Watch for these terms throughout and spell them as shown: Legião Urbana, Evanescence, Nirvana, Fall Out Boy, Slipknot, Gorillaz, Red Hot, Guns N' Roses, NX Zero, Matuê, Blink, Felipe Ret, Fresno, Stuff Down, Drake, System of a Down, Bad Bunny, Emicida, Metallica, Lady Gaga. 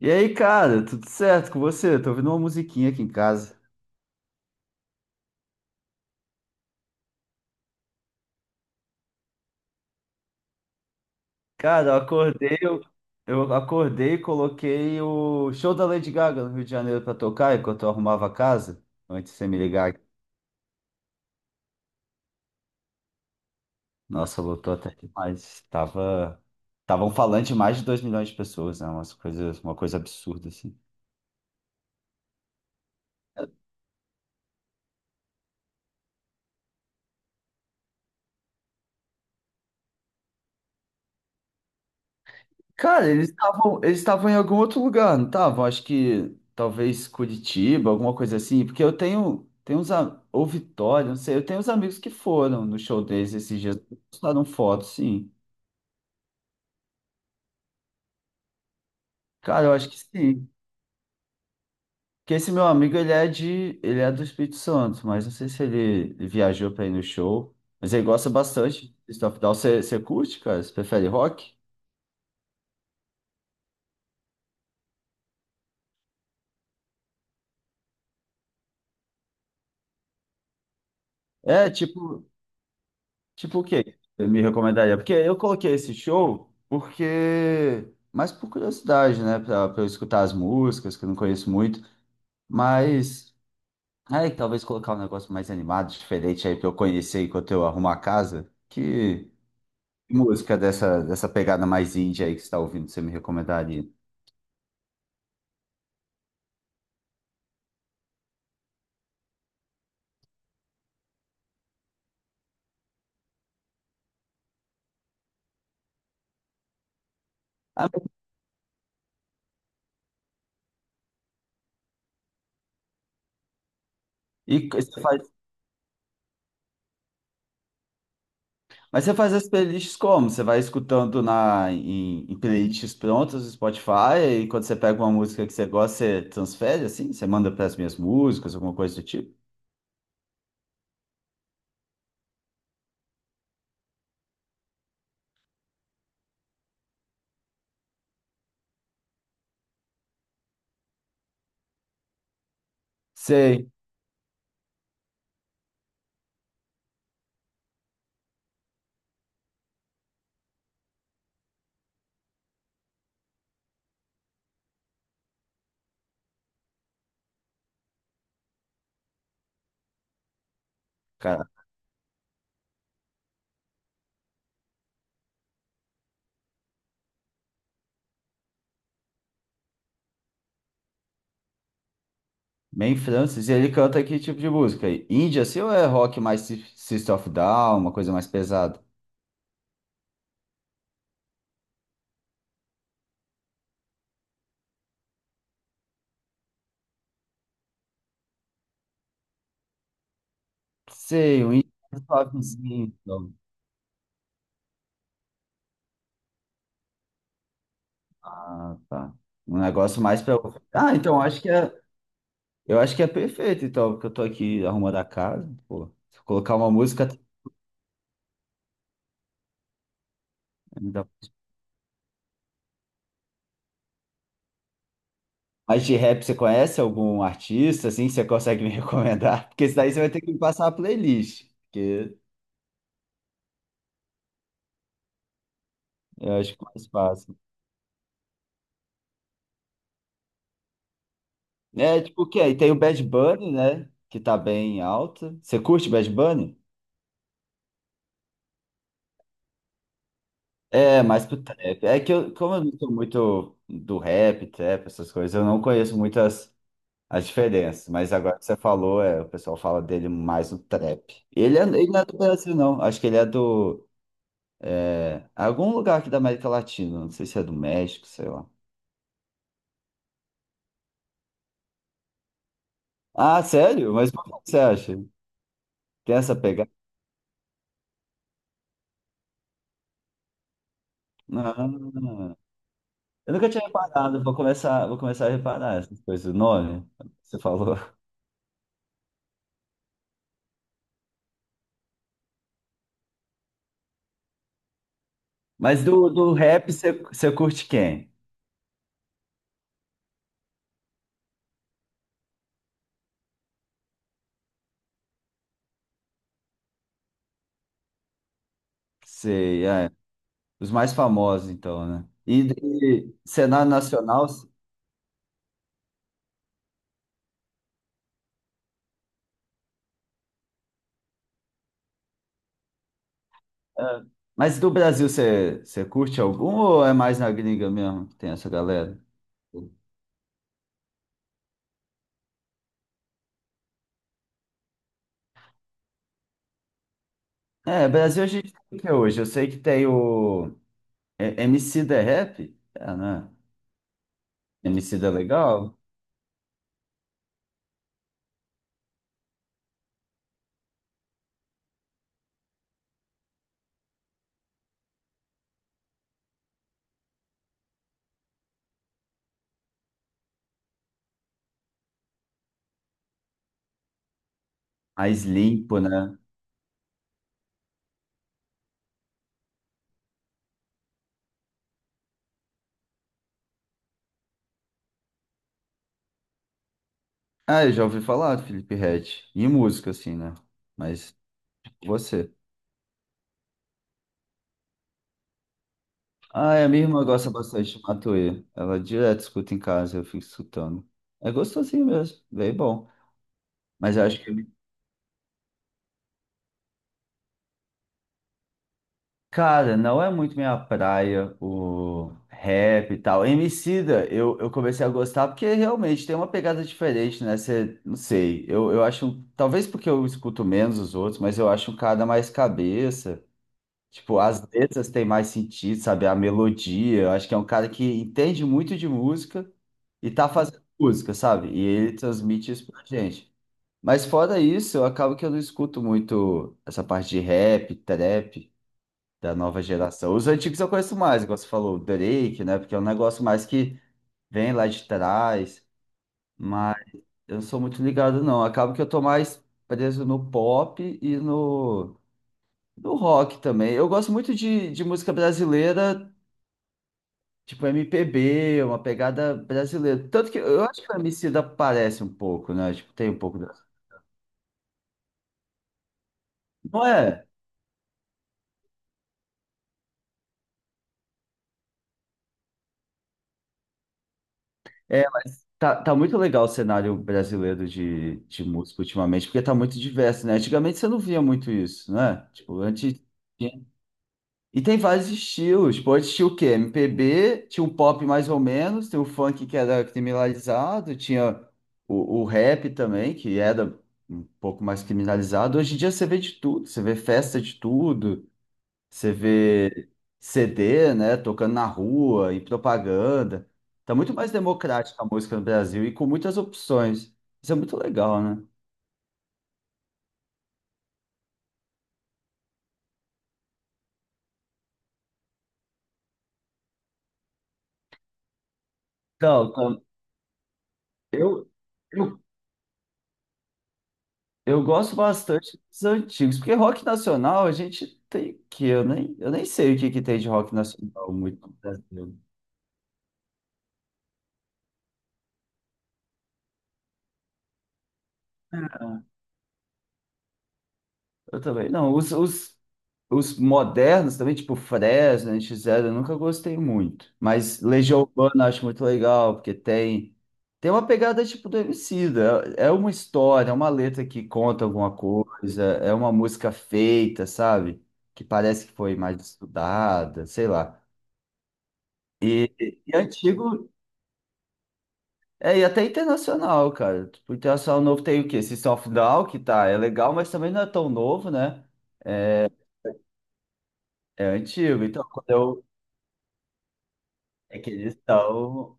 E aí, cara, tudo certo com você? Tô ouvindo uma musiquinha aqui em casa. Cara, eu acordei e coloquei o show da Lady Gaga no Rio de Janeiro pra tocar enquanto eu arrumava a casa, antes de você me ligar. Nossa, voltou até demais. Tava um falante de mais de 2 milhões de pessoas, né? Uma coisa absurda, assim. Cara, eles estavam em algum outro lugar, não estavam? Acho que talvez Curitiba, alguma coisa assim, porque eu tenho uns, ou Vitória, não sei, eu tenho uns amigos que foram no show deles esses dias, postaram foto, sim. Cara, eu acho que sim. Porque esse meu amigo, ele é do Espírito Santo, mas não sei se ele viajou pra ir no show, mas ele gosta bastante de Stuff Down. Você curte, cara? Você prefere rock? É. Tipo o quê? Você me recomendaria? Porque eu coloquei esse show, porque... mais por curiosidade, né? Pra eu escutar as músicas, que eu não conheço muito. Mas. Aí, talvez colocar um negócio mais animado, diferente aí pra eu conhecer enquanto eu arrumo a casa. Que música dessa pegada mais indie aí que você tá ouvindo, você me recomendaria? Ah, E você faz mas você faz as playlists como? Você vai escutando em playlists prontas do Spotify e quando você pega uma música que você gosta, você transfere assim? Você manda para as minhas músicas, alguma coisa do tipo? Sei, cara. Main Francis, e ele canta que tipo de música aí? Indie assim ou é rock mais System of a Down, uma coisa mais pesada? Sei, um indie mais suavezinho, então. Ah, tá. Um negócio mais pra. Ah, então acho que é. Eu acho que é perfeito, então, porque eu tô aqui arrumando a casa, pô. Se eu colocar uma música. Mas de rap, você conhece algum artista, assim, que você consegue me recomendar? Porque isso daí você vai ter que me passar a playlist, porque eu acho que é mais fácil. É, tipo, o quê? E tem o Bad Bunny, né? Que tá bem alto. Você curte Bad Bunny? É, mais pro trap. É que eu, como eu não sou muito do rap, trap, essas coisas, eu não conheço muitas as diferenças. Mas agora que você falou, é, o pessoal fala dele mais no trap. Ele não é do Brasil, não. Acho que ele é do. Algum lugar aqui da América Latina. Não sei se é do México, sei lá. Ah, sério? Mas por que você acha? Tem essa pegada? Ah, eu nunca tinha reparado, vou começar a reparar essas coisas, o nome, que você falou. Mas do rap, você curte quem? Sei, é, os mais famosos, então, né? E cenário nacional, é, mas do Brasil, você curte algum ou é mais na gringa mesmo que tem essa galera? É, Brasil a gente tem o que hoje? Eu sei que tem o MC da Rap, é, né? MC da Legal. Mais limpo, né? Ah, eu já ouvi falar do Felipe Ret. E música, assim, né? Mas você. Ah, é, a minha irmã gosta bastante de Matuê. Ela direto escuta em casa, eu fico escutando. É gostosinho mesmo, bem bom. Mas eu acho que, cara, não é muito minha praia o rap e tal. Emicida, eu comecei a gostar porque realmente tem uma pegada diferente, né? Você, não sei, eu acho, talvez porque eu escuto menos os outros, mas eu acho um cara mais cabeça. Tipo, as letras têm mais sentido, sabe? A melodia. Eu acho que é um cara que entende muito de música e tá fazendo música, sabe? E ele transmite isso pra gente. Mas fora isso, eu acabo que eu não escuto muito essa parte de rap, trap da nova geração. Os antigos eu conheço mais, igual você falou, o Drake, né? Porque é um negócio mais que vem lá de trás. Mas eu não sou muito ligado, não. Acabo que eu tô mais preso no pop e no rock também. Eu gosto muito de música brasileira, tipo MPB, uma pegada brasileira. Tanto que eu acho que o Emicida parece um pouco, né? Tipo, tem um pouco da. Não é? É, tá muito legal o cenário brasileiro de música ultimamente, porque tá muito diverso, né? Antigamente você não via muito isso, né? Tipo, antes. tinha- E tem vários estilos. Tipo, antes tinha o quê? MPB, tinha um pop mais ou menos, tem o funk que era criminalizado, tinha o rap também, que era um pouco mais criminalizado. Hoje em dia você vê de tudo, você vê festa de tudo, você vê CD, né, tocando na rua e propaganda. Tá muito mais democrática a música no Brasil e com muitas opções. Isso é muito legal, né? Então, eu, eu, eu gosto bastante dos antigos, porque rock nacional a gente tem que eu nem sei o que que tem de rock nacional muito no Brasil. Ah, eu também não. Os modernos também, tipo Fresno, NX Zero, eu nunca gostei muito. Mas Legião Urbana eu acho muito legal, porque tem uma pegada tipo do Emicida. É uma história, é uma letra que conta alguma coisa, é uma música feita, sabe? Que parece que foi mais estudada, sei lá. E antigo, e até internacional, cara. Tipo, internacional novo tem o quê? System of a Down, que tá, é legal, mas também não é tão novo, né? É antigo. Então, quando eu. É que eles estão.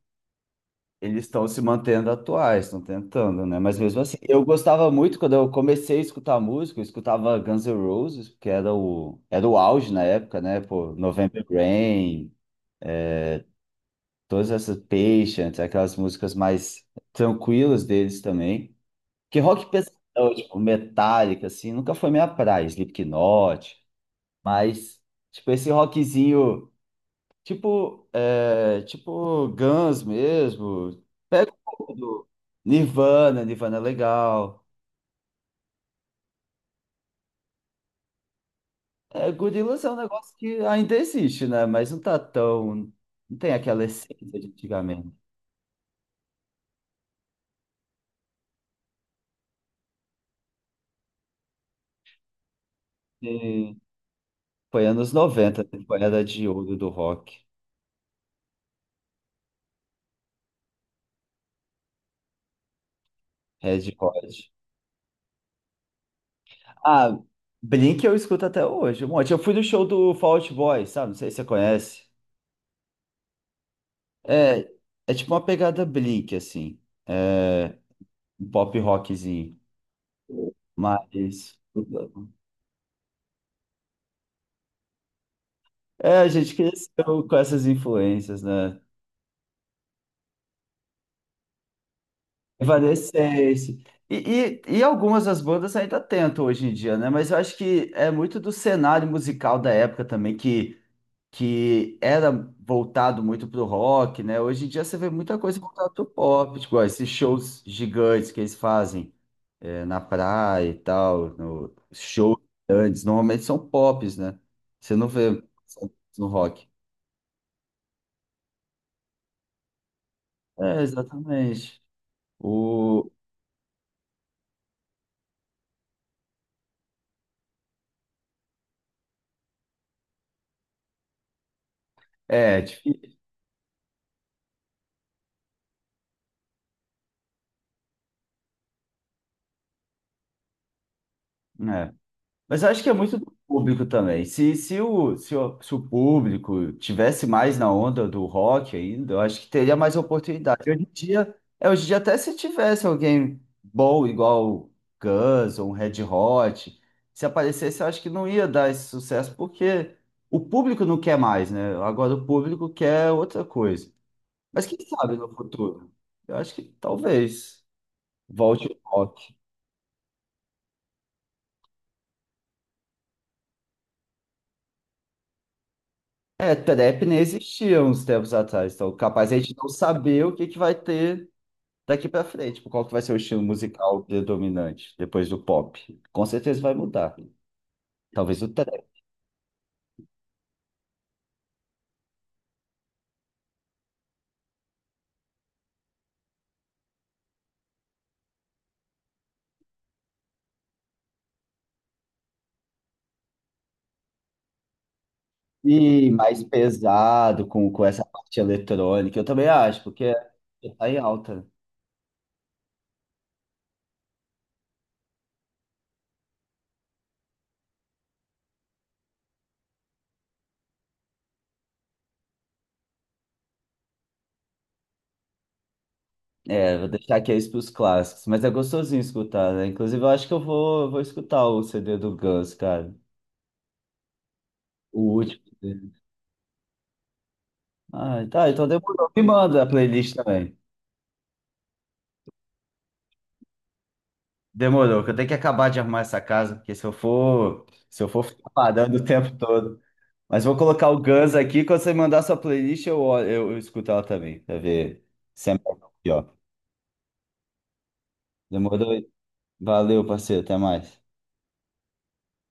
Eles estão se mantendo atuais, estão tentando, né? Mas mesmo assim, eu gostava muito quando eu comecei a escutar música, eu escutava Guns N' Roses, que era o auge na época, né? Pô, November Rain, todas essas Patience, aquelas músicas mais tranquilas deles também. Que rock pesadão, tipo Metallica, assim, nunca foi minha praia, Slipknot, mas, tipo, esse rockzinho. Tipo Guns mesmo. Pega um pouco do Nirvana. Nirvana é legal. É, Gorillaz é um negócio que ainda existe, né? Mas não tá tão. Não tem aquela essência de antigamente. E foi anos 90, temporada de ouro do rock. Red Hot. Ah, Blink eu escuto até hoje. Um monte. Eu fui no show do Fall Out Boy, sabe? Não sei se você conhece. É, é tipo uma pegada Blink, assim. É, um pop rockzinho. Mas é, a gente cresceu com essas influências, né? Evanescence. E algumas das bandas ainda tentam hoje em dia, né? Mas eu acho que é muito do cenário musical da época também, que era voltado muito pro rock, né? Hoje em dia você vê muita coisa voltada pro pop, tipo, ó, esses shows gigantes que eles fazem, na praia e tal, no shows grandes, normalmente são pops, né? Você não vê no rock. É, exatamente. O. É, difí- é. Mas eu acho que é muito do público também. Se o público tivesse mais na onda do rock ainda, eu acho que teria mais oportunidade. Hoje em dia até se tivesse alguém bom, igual Guns ou um Red Hot, se aparecesse, eu acho que não ia dar esse sucesso, porque o público não quer mais, né? Agora o público quer outra coisa. Mas quem sabe no futuro? Eu acho que talvez. Volte o rock. É, trap nem existia uns tempos atrás, então capaz a gente não saber o que que vai ter daqui pra frente, tipo, qual que vai ser o estilo musical predominante depois do pop. Com certeza vai mudar. Talvez o trap. E mais pesado, com essa parte eletrônica, eu também acho, porque tá em alta. É, vou deixar aqui isso pros clássicos, mas é gostosinho escutar, né? Inclusive, eu acho que eu vou escutar o CD do Guns, cara. O último dele. Ah, tá, então demorou. Me manda a playlist também. Demorou, que eu tenho que acabar de arrumar essa casa, porque se eu for ficar parando o tempo todo. Mas vou colocar o Guns aqui, quando você mandar sua playlist, eu escuto ela também, pra ver se é melhor ou pior. Demorou? Valeu, parceiro, até mais.